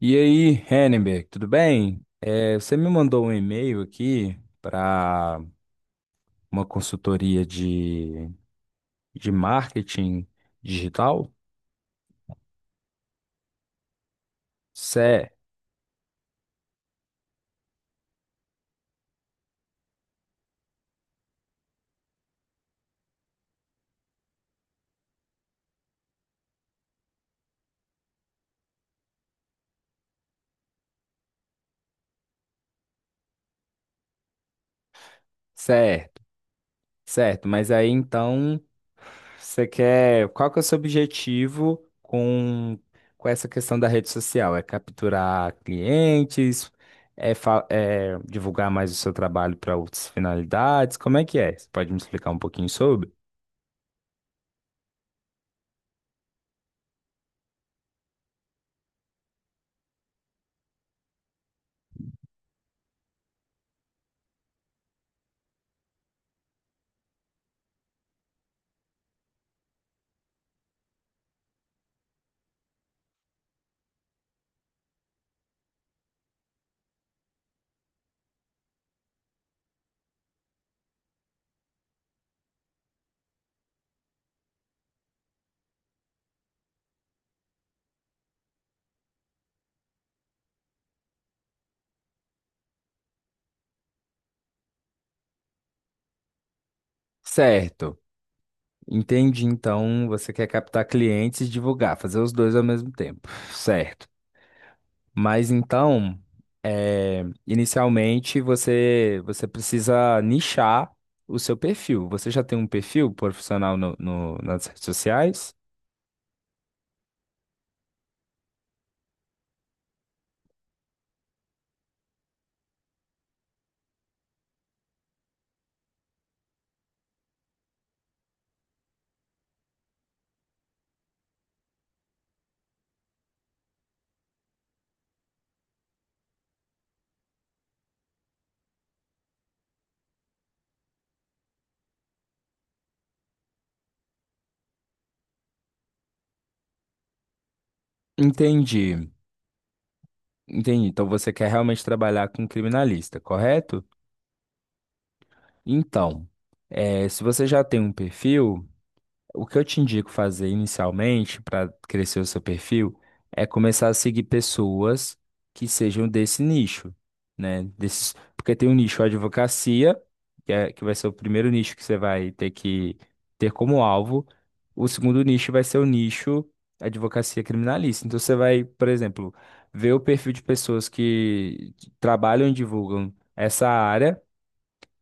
E aí, Henneberg, tudo bem? Você me mandou um e-mail aqui para uma consultoria de marketing digital? Certo, certo, Certo. Mas aí então, você quer. Qual que é o seu objetivo com essa questão da rede social? É capturar clientes? É, é divulgar mais o seu trabalho para outras finalidades? Como é que é? Você pode me explicar um pouquinho sobre? Certo. Entendi. Então, você quer captar clientes e divulgar, fazer os dois ao mesmo tempo, certo? Mas então, inicialmente você precisa nichar o seu perfil. Você já tem um perfil profissional nas redes sociais? Entendi, entendi. Então você quer realmente trabalhar com criminalista, correto? Então, se você já tem um perfil. O que eu te indico fazer inicialmente para crescer o seu perfil é começar a seguir pessoas que sejam desse nicho, né? Desses, porque tem um nicho advocacia, que é, que vai ser o primeiro nicho que você vai ter que ter como alvo. O segundo nicho vai ser o nicho advocacia criminalista. Então você vai, por exemplo, ver o perfil de pessoas que trabalham e divulgam essa área.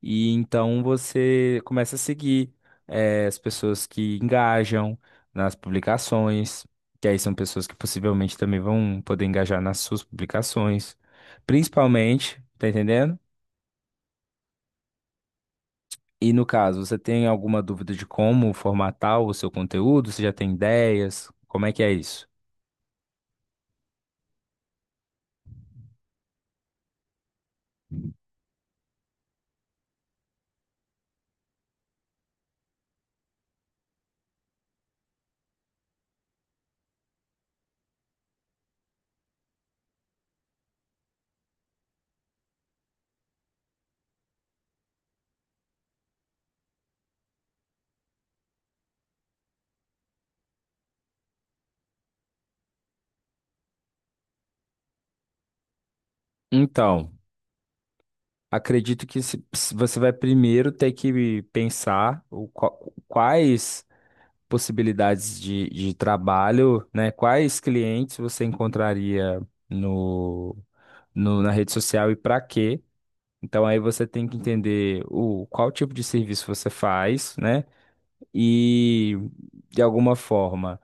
E então você começa a seguir as pessoas que engajam nas publicações, que aí são pessoas que possivelmente também vão poder engajar nas suas publicações, principalmente, tá entendendo? E no caso, você tem alguma dúvida de como formatar o seu conteúdo? Você já tem ideias? Como é que é isso? Então, acredito que se você vai primeiro ter que pensar o, quais possibilidades de trabalho, né? Quais clientes você encontraria no, na rede social e para quê? Então aí você tem que entender o qual tipo de serviço você faz, né? E de alguma forma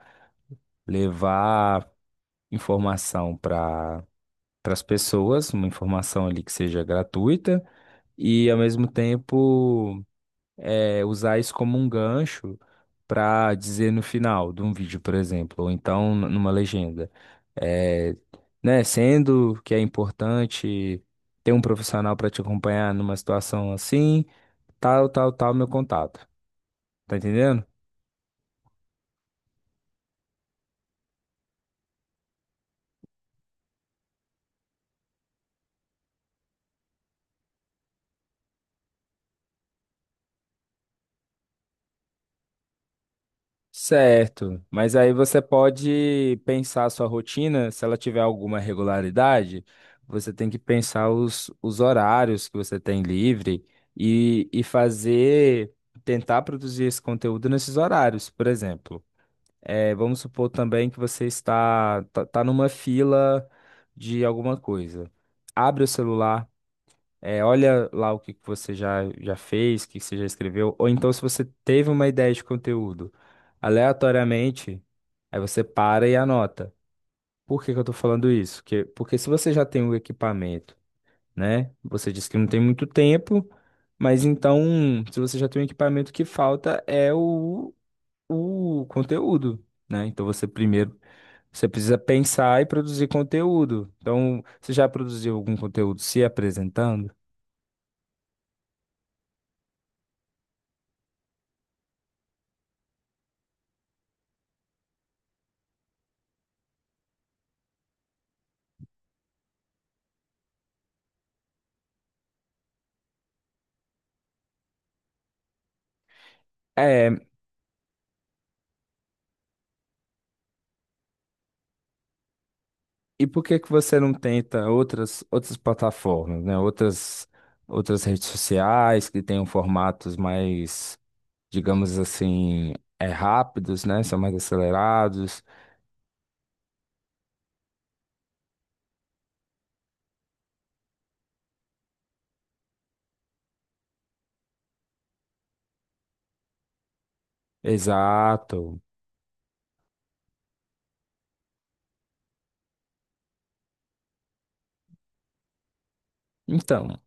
levar informação para para as pessoas, uma informação ali que seja gratuita e ao mesmo tempo usar isso como um gancho para dizer no final de um vídeo, por exemplo, ou então numa legenda. É, né, sendo que é importante ter um profissional para te acompanhar numa situação assim, tal, tal, tal, meu contato. Tá entendendo? Certo, mas aí você pode pensar a sua rotina, se ela tiver alguma regularidade, você tem que pensar os horários que você tem livre e fazer, tentar produzir esse conteúdo nesses horários, por exemplo. É, vamos supor também que você está tá, tá numa fila de alguma coisa. Abre o celular olha lá o que que você já, já fez, o que que você já escreveu, ou então se você teve uma ideia de conteúdo aleatoriamente, aí você para e anota. Por que que eu tô falando isso? Porque se você já tem o equipamento, né? Você disse que não tem muito tempo, mas então, se você já tem o equipamento, o que falta é o conteúdo, né? Então você primeiro, você precisa pensar e produzir conteúdo. Então, você já produziu algum conteúdo se apresentando? É. E por que que você não tenta outras, outras plataformas, né? Outras, outras redes sociais que tenham formatos mais, digamos assim, rápidos, né? São mais acelerados. Exato. Então,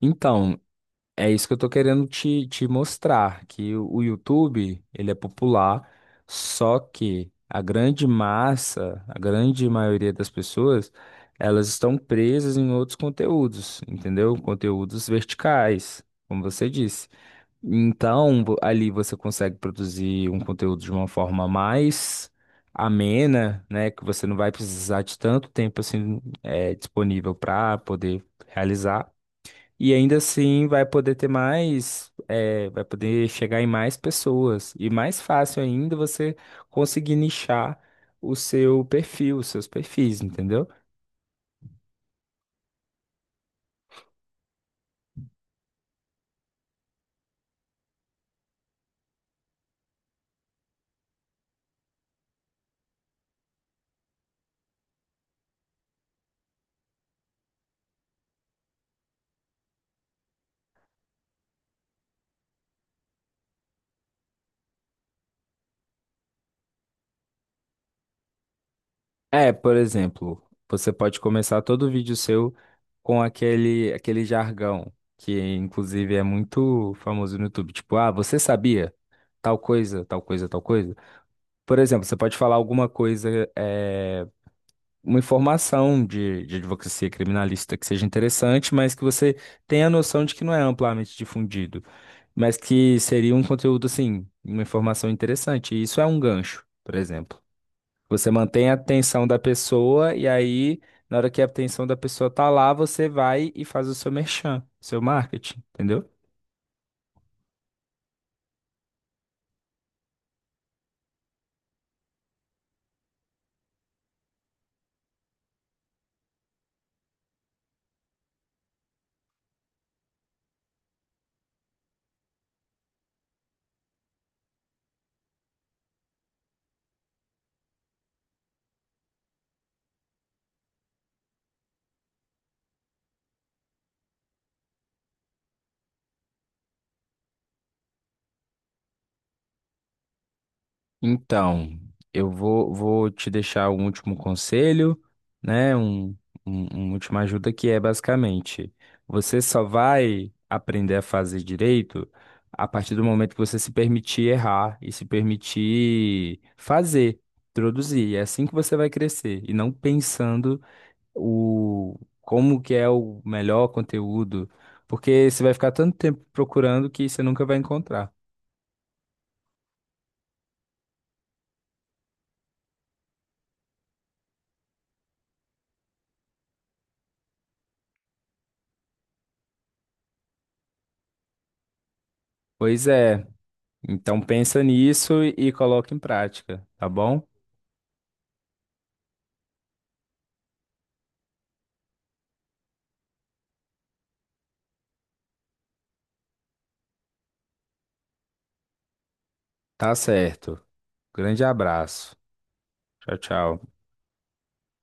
então, É isso que eu tô querendo te, te mostrar, que o YouTube, ele é popular, só que a grande massa, a grande maioria das pessoas, elas estão presas em outros conteúdos, entendeu? Conteúdos verticais, como você disse. Então, ali você consegue produzir um conteúdo de uma forma mais amena, né? Que você não vai precisar de tanto tempo assim, disponível para poder realizar. E ainda assim vai poder ter mais, vai poder chegar em mais pessoas. E mais fácil ainda você conseguir nichar o seu perfil, os seus perfis, entendeu? É, por exemplo, você pode começar todo vídeo seu com aquele, aquele jargão, que inclusive é muito famoso no YouTube. Tipo, ah, você sabia tal coisa, tal coisa, tal coisa? Por exemplo, você pode falar alguma coisa, é, uma informação de advocacia criminalista que seja interessante, mas que você tenha a noção de que não é amplamente difundido, mas que seria um conteúdo, assim, uma informação interessante. E isso é um gancho, por exemplo. Você mantém a atenção da pessoa e aí, na hora que a atenção da pessoa tá lá, você vai e faz o seu merchan, seu marketing, entendeu? Então, vou te deixar um último conselho, né? Uma última ajuda que é basicamente, você só vai aprender a fazer direito a partir do momento que você se permitir errar e se permitir fazer, produzir. É assim que você vai crescer e não pensando o como que é o melhor conteúdo, porque você vai ficar tanto tempo procurando que você nunca vai encontrar. Pois é. Então pensa nisso e coloca em prática, tá bom? Tá certo. Grande abraço. Tchau, tchau.